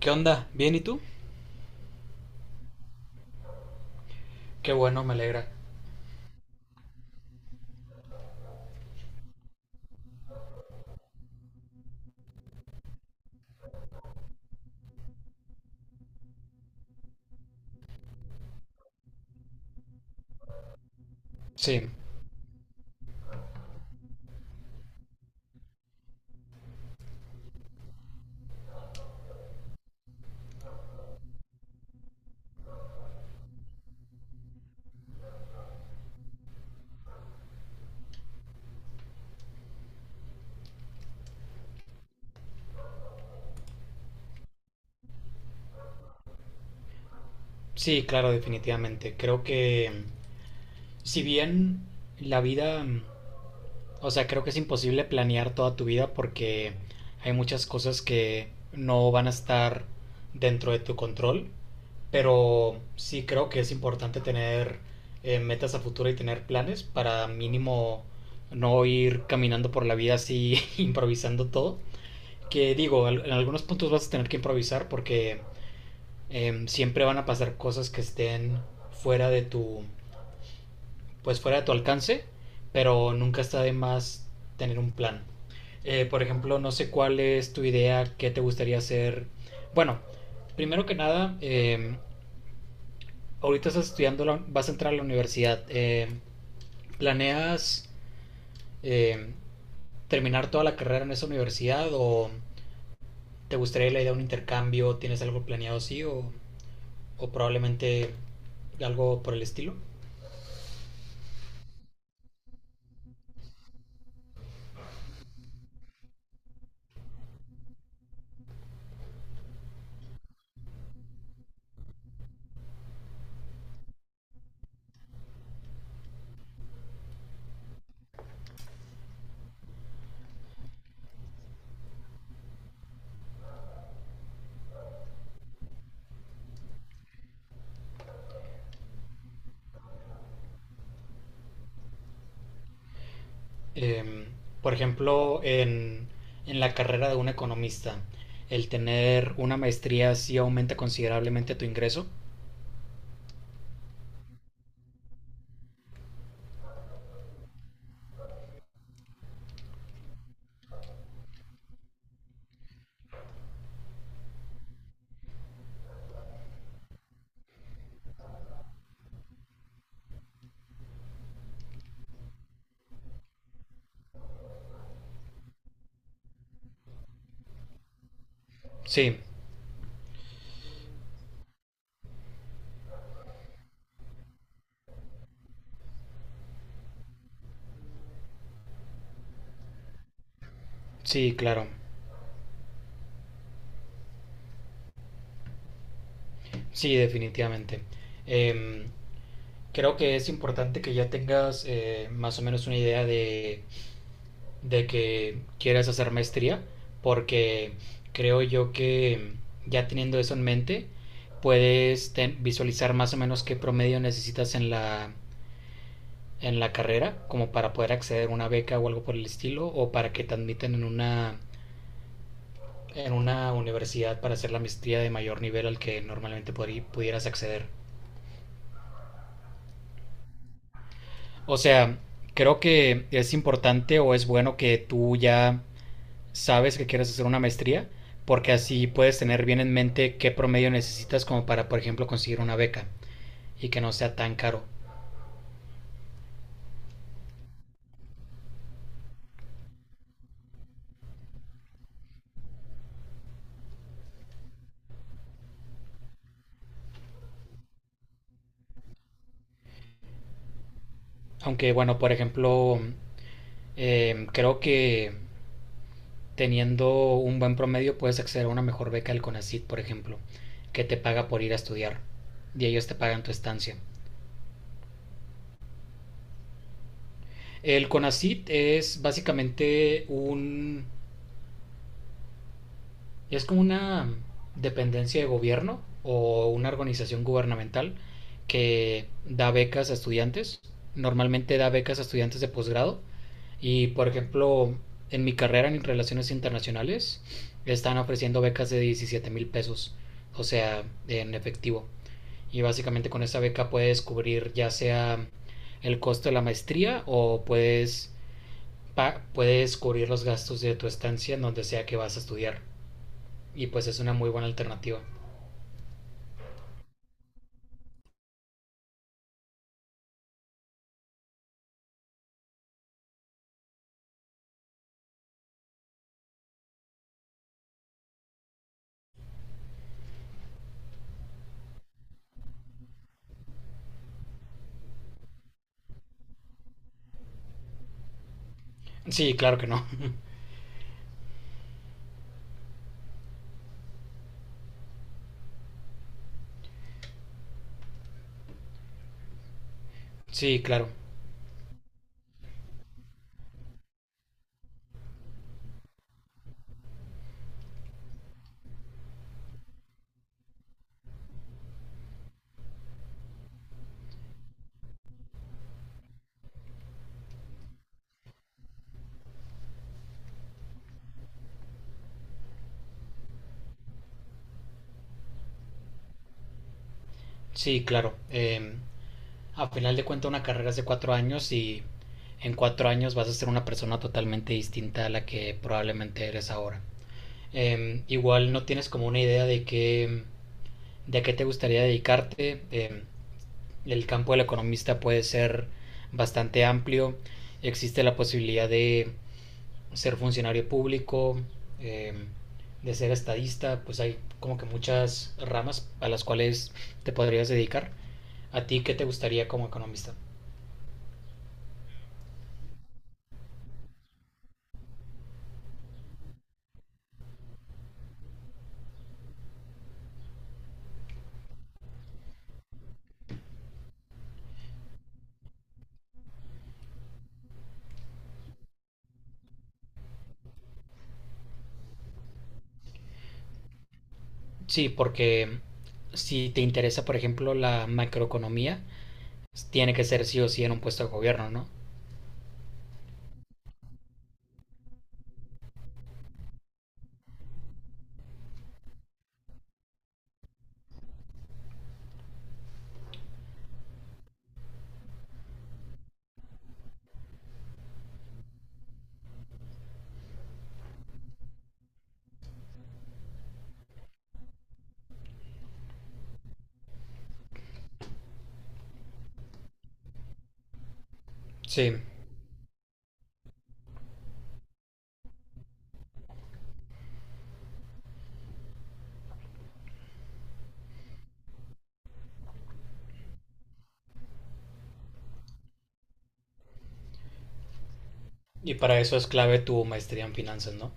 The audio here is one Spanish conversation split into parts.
¿Qué onda? ¿Bien y tú? Qué bueno, me alegra. Sí, sí, claro, definitivamente. Creo que si bien la vida, o sea, creo que es imposible planear toda tu vida porque hay muchas cosas que no van a estar dentro de tu control, pero sí creo que es importante tener metas a futuro y tener planes para mínimo no ir caminando por la vida así improvisando todo. Que digo, en algunos puntos vas a tener que improvisar porque siempre van a pasar cosas que estén fuera de tu, pues fuera de tu alcance, pero nunca está de más tener un plan. Por ejemplo, no sé cuál es tu idea, qué te gustaría hacer. Bueno, primero que nada, ahorita estás estudiando, vas a entrar a la universidad. ¿Planeas eh, terminar toda la carrera en esa universidad o te gustaría la idea de un intercambio? ¿Tienes algo planeado así o probablemente algo por el estilo? Em, por ejemplo, en la carrera de un economista, el tener una maestría sí aumenta considerablemente tu ingreso. Sí, sí, claro. Sí, definitivamente. Em, Creo que es importante que ya tengas más o menos una idea de que quieres hacer maestría, porque creo yo que ya teniendo eso en mente, puedes visualizar más o menos qué promedio necesitas en la carrera como para poder acceder a una beca o algo por el estilo o para que te admitan en una universidad para hacer la maestría de mayor nivel al que normalmente pudieras acceder. O sea, creo que es importante o es bueno que tú ya sabes que quieres hacer una maestría porque así puedes tener bien en mente qué promedio necesitas como para, por ejemplo, conseguir una beca y que no sea tan caro. Aunque, bueno, por ejemplo, creo que teniendo un buen promedio puedes acceder a una mejor beca del CONACYT, por ejemplo, que te paga por ir a estudiar y ellos te pagan tu estancia. El CONACYT es básicamente un, es como una dependencia de gobierno o una organización gubernamental que da becas a estudiantes. Normalmente da becas a estudiantes de posgrado. Y por ejemplo, en mi carrera en relaciones internacionales, están ofreciendo becas de 17,000 pesos, o sea, en efectivo. Y básicamente con esa beca puedes cubrir ya sea el costo de la maestría o puedes, puedes cubrir los gastos de tu estancia en donde sea que vas a estudiar. Y pues es una muy buena alternativa. Sí, claro que no. Sí, claro. Sí, claro. A final de cuentas una carrera es de 4 años y en 4 años vas a ser una persona totalmente distinta a la que probablemente eres ahora. Igual no tienes como una idea de qué, de a qué te gustaría dedicarte. El campo del economista puede ser bastante amplio. Existe la posibilidad de ser funcionario público, eh, de ser estadista, pues hay como que muchas ramas a las cuales te podrías dedicar. ¿A ti qué te gustaría como economista? Sí, porque si te interesa, por ejemplo, la macroeconomía, tiene que ser sí o sí en un puesto de gobierno, ¿no? Sí, y para eso es clave tu maestría en finanzas, ¿no?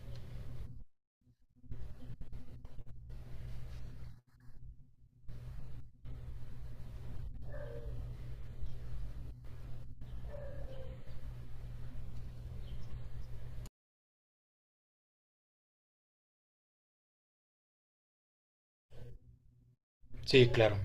Sí, claro.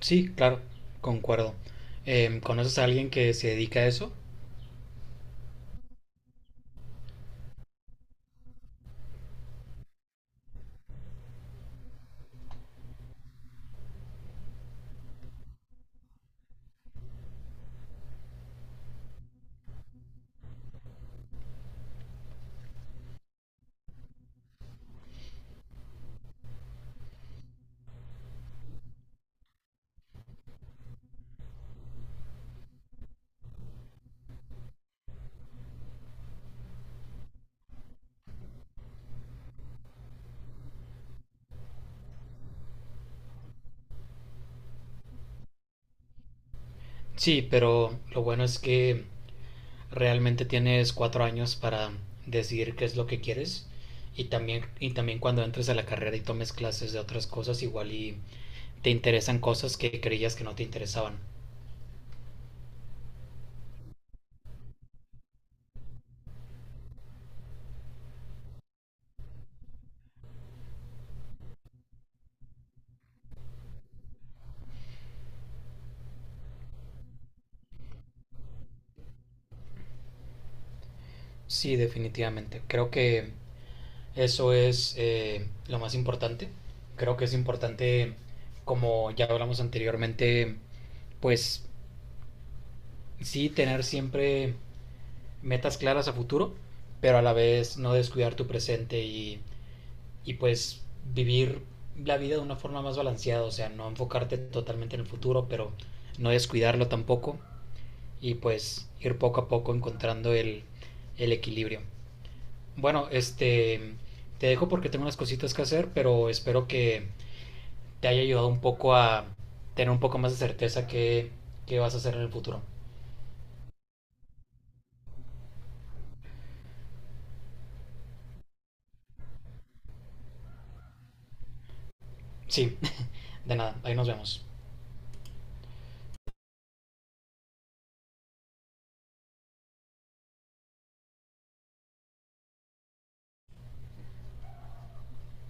Sí, claro, concuerdo. ¿Conoces a alguien que se dedica a eso? Sí, pero lo bueno es que realmente tienes 4 años para decidir qué es lo que quieres y también cuando entres a la carrera y tomes clases de otras cosas igual y te interesan cosas que creías que no te interesaban. Sí, definitivamente. Creo que eso es lo más importante. Creo que es importante, como ya hablamos anteriormente, pues sí tener siempre metas claras a futuro, pero a la vez no descuidar tu presente y pues vivir la vida de una forma más balanceada, o sea, no enfocarte totalmente en el futuro, pero no descuidarlo tampoco y pues ir poco a poco encontrando el equilibrio. Bueno, este, te dejo porque tengo unas cositas que hacer, pero espero que te haya ayudado un poco a tener un poco más de certeza qué qué vas a hacer en el futuro. Sí, de nada, ahí nos vemos.